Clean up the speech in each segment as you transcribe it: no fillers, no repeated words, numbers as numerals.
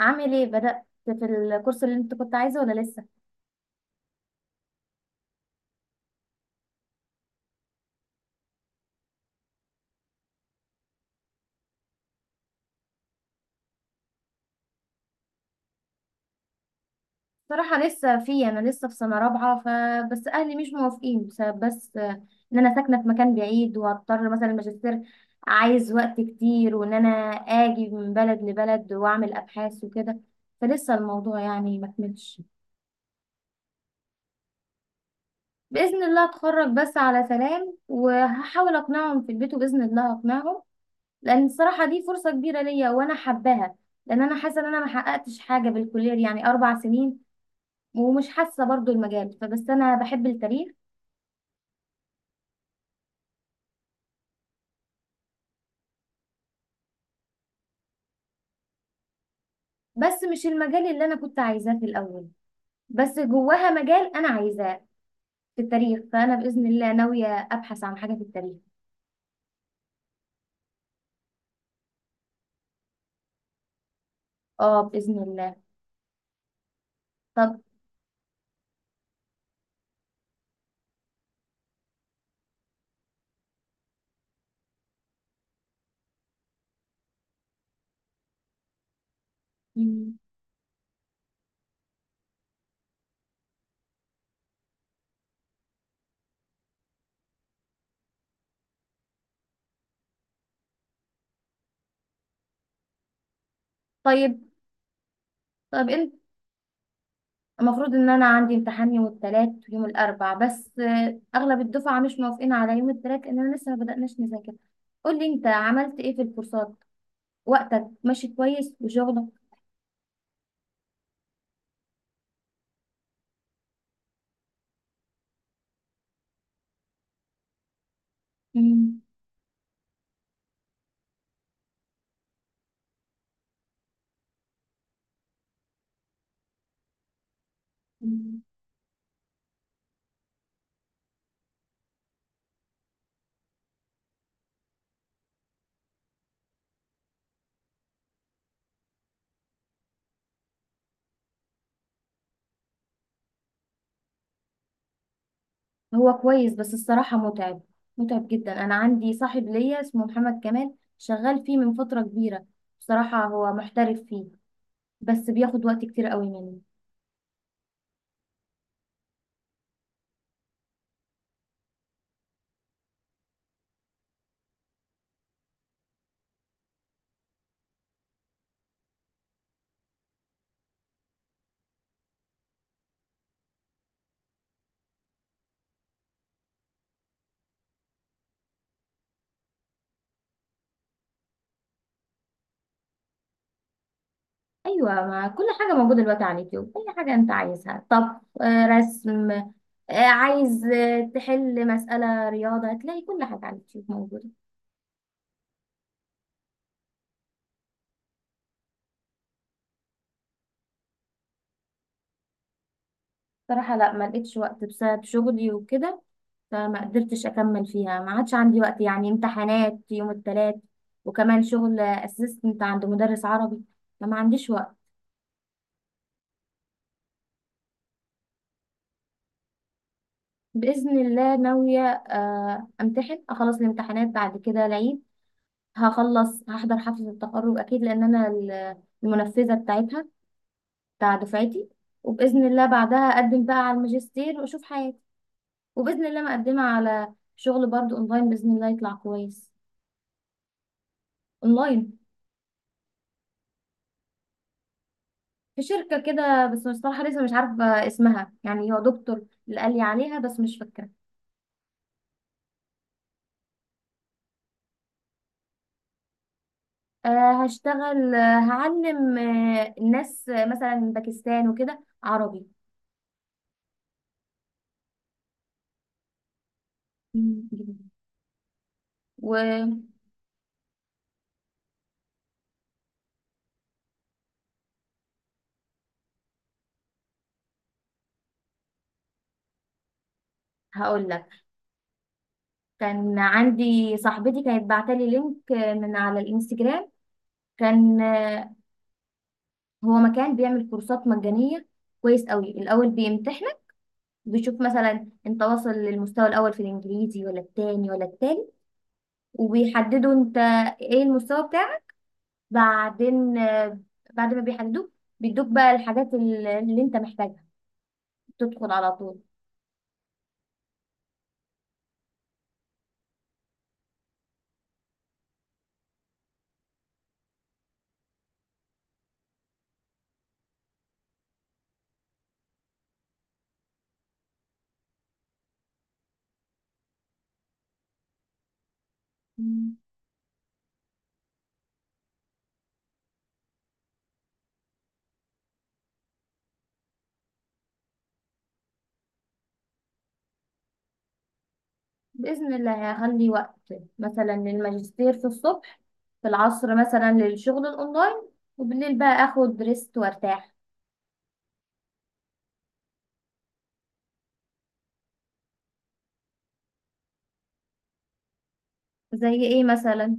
عامل ايه بدأت في الكورس اللي انت كنت عايزه ولا لسه؟ صراحة لسه فيه انا لسه في سنة رابعة، فبس اهلي مش موافقين بسبب بس آه، ان انا ساكنة في مكان بعيد، وهضطر مثلا الماجستير عايز وقت كتير وان انا اجي من بلد لبلد واعمل ابحاث وكده، فلسه الموضوع يعني ما كملش. بإذن الله اتخرج بس على سلام، وهحاول اقنعهم في البيت وبإذن الله اقنعهم، لان الصراحة دي فرصة كبيرة ليا وانا حباها، لان انا حاسة ان انا ما حققتش حاجة بالكلية دي، يعني 4 سنين ومش حاسة برضو المجال، فبس أنا بحب التاريخ. بس مش المجال اللي أنا كنت عايزاه في الأول، بس جواها مجال أنا عايزاه في التاريخ، فأنا بإذن الله ناوية أبحث عن حاجة في التاريخ. اه بإذن الله. طب. مم، طيب. طب المفروض إن أنا عندي امتحان يوم الثلاث ويوم الأربع، بس أغلب الدفعة مش موافقين على يوم الثلاث لأننا لسه ما بدأناش نذاكر. قولي أنت عملت إيه في الكورسات؟ وقتك ماشي كويس وشغلك؟ مم. مم. هو كويس بس الصراحة متعب، متعب جدا. أنا عندي صاحب ليا اسمه محمد كمال شغال فيه من فترة كبيرة، بصراحة هو محترف فيه، بس بياخد وقت كتير قوي مني. أيوة، ما كل حاجة موجودة دلوقتي على اليوتيوب، أي حاجة أنت عايزها: طبخ، رسم، عايز تحل مسألة رياضة، هتلاقي كل حاجة على اليوتيوب موجودة. بصراحة لا، ما لقيتش وقت بسبب شغلي وكده، فما قدرتش اكمل فيها، ما عادش عندي وقت يعني. امتحانات يوم الثلاث وكمان شغل اسيستنت عند مدرس عربي، فما عنديش وقت. باذن الله ناويه امتحن، اخلص الامتحانات، بعد كده العيد. هخلص، هحضر حفله التخرج اكيد، لان انا المنفذه بتاعتها، بتاع دفعتي. وباذن الله بعدها اقدم بقى على الماجستير واشوف حياتي. وباذن الله مقدمه على شغل برضو اونلاين، باذن الله يطلع كويس. اونلاين. في شركة كده، بس مش، صراحة لسه مش عارفة اسمها، يعني هو دكتور اللي قال لي عليها بس مش فاكرة. أه، هشتغل آه، هعلم الناس مثلا من باكستان وكده عربي. مم، جميل. وهقول لك كان عندي صاحبتي كانت بعتلي لينك من على الانستجرام. كان آه، هو مكان بيعمل كورسات مجانية، كويس قوي. الاول بيمتحنك، بيشوف مثلا انت واصل للمستوى الاول في الانجليزي ولا التاني ولا التالت، وبيحددوا انت ايه المستوى بتاعك. بعدين بعد ما بيحدوك، بيدوك بقى الحاجات اللي انت محتاجها، تدخل على طول. مم. بإذن الله هخلي وقت مثلا للماجستير في الصبح، في العصر مثلا للشغل الأونلاين، وبالليل بقى آخد ريست وارتاح. زي إيه مثلا؟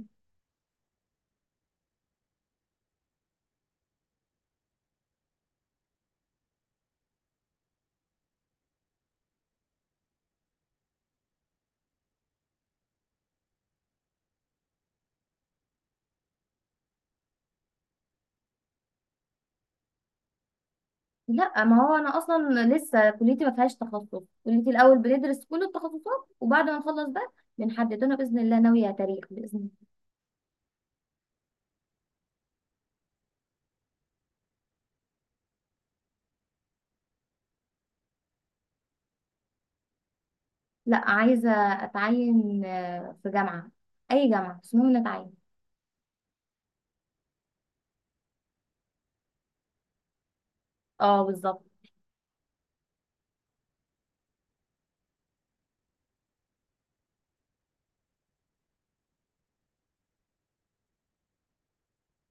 لا، ما هو أنا أصلا لسه كليتي ما فيهاش تخصص. كليتي الأول بندرس كل التخصصات، وبعد ما نخلص بقى بنحدد. أنا بإذن الله ناوية تاريخ، بإذن الله. لا، عايزة أتعين في جامعة، أي جامعة، بس المهم إني أتعين. اه، بالظبط.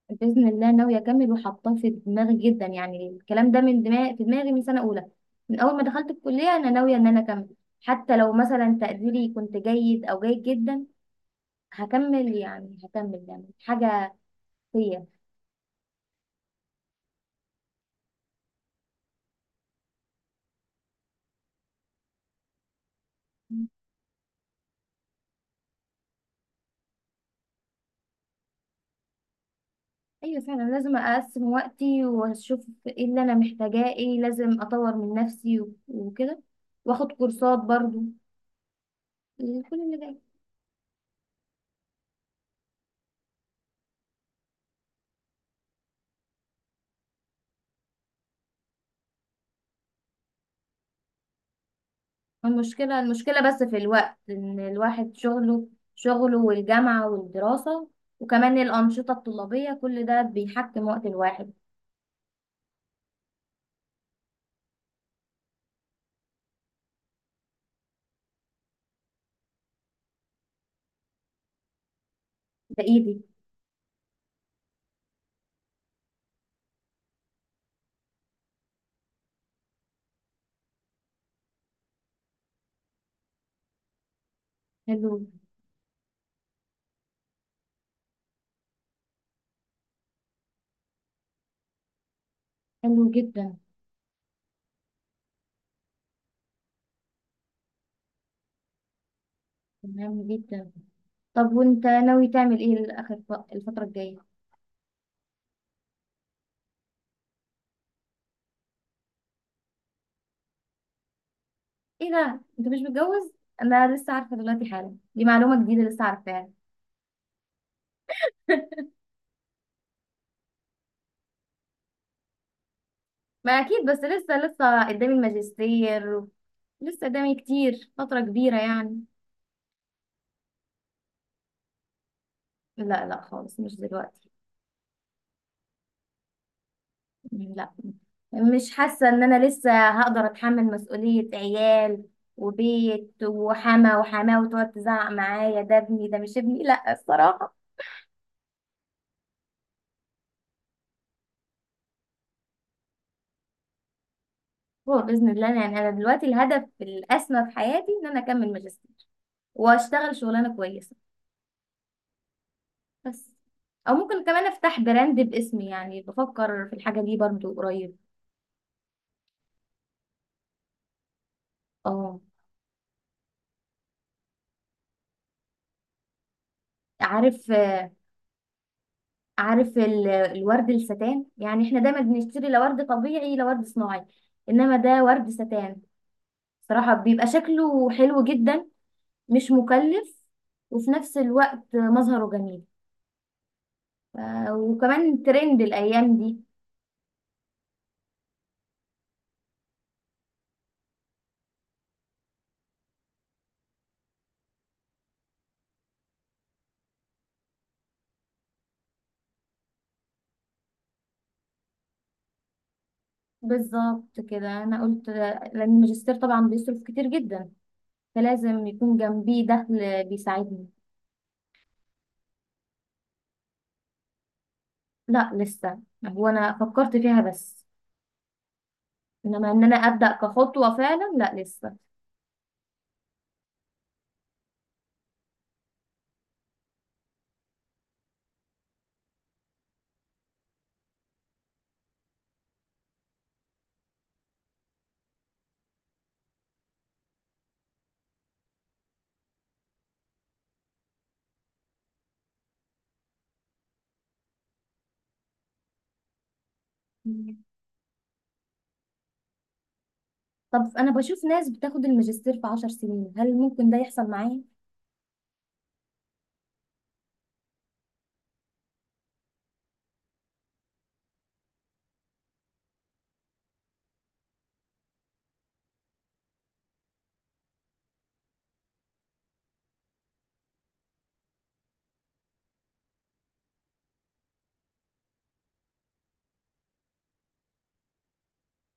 باذن الله ناويه اكمل، وحاطاه في دماغي جدا. يعني الكلام ده من دماغي، في دماغي من سنه اولى. من اول ما دخلت الكليه انا ناويه ان انا اكمل، حتى لو مثلا تقديري كنت جيد او جيد جدا هكمل، يعني هكمل، يعني حاجه فيا. ايوه فعلا، لازم اقسم وقتي واشوف ايه اللي انا محتاجاه، ايه لازم اطور من نفسي وكده، واخد كورسات برضو. كل اللي... المشكلة بس في الوقت، إن الواحد شغله والجامعة والدراسة، وكمان الأنشطة الطلابية، كل ده بيحكم وقت الواحد. ده إيدي. حلو. حلو جدا. تمام جدا. طب وأنت ناوي تعمل إيه الآخر الفترة الجاية؟ إيه ده؟ أنت مش متجوز؟ أنا لسه عارفة دلوقتي حالا، دي معلومة جديدة لسه عارفاها. ما أكيد، بس لسه قدامي الماجستير، لسه قدامي كتير، فترة كبيرة يعني. لا لا، خالص مش دلوقتي. لا. مش حاسة ان انا لسه هقدر اتحمل مسؤولية عيال وبيت وحما وحماه، وتقعد تزعق معايا ده ابني ده مش ابني، لا الصراحة. هو بإذن الله، يعني انا دلوقتي الهدف الأسمى في حياتي ان انا اكمل ماجستير واشتغل شغلانة كويسة بس. او ممكن كمان افتح براند باسمي، يعني بفكر في الحاجة دي برضو قريب. اه. عارف عارف الورد الستان؟ يعني احنا دايما بنشتري لا ورد طبيعي لا ورد صناعي، انما ده ورد ستان. صراحة بيبقى شكله حلو جدا، مش مكلف، وفي نفس الوقت مظهره جميل، وكمان ترند الايام دي. بالظبط كده، انا قلت لان الماجستير طبعا بيصرف كتير جدا، فلازم يكون جنبيه دخل بيساعدني. لا لسه، هو انا فكرت فيها بس، انما ان انا ابدا كخطوة فعلا، لا لسه. طب انا بشوف ناس بتاخد الماجستير في 10 سنين، هل ممكن ده يحصل معايا؟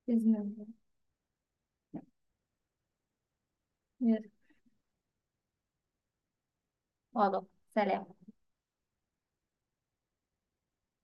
بإذن الله. يلا. واضح. سلام.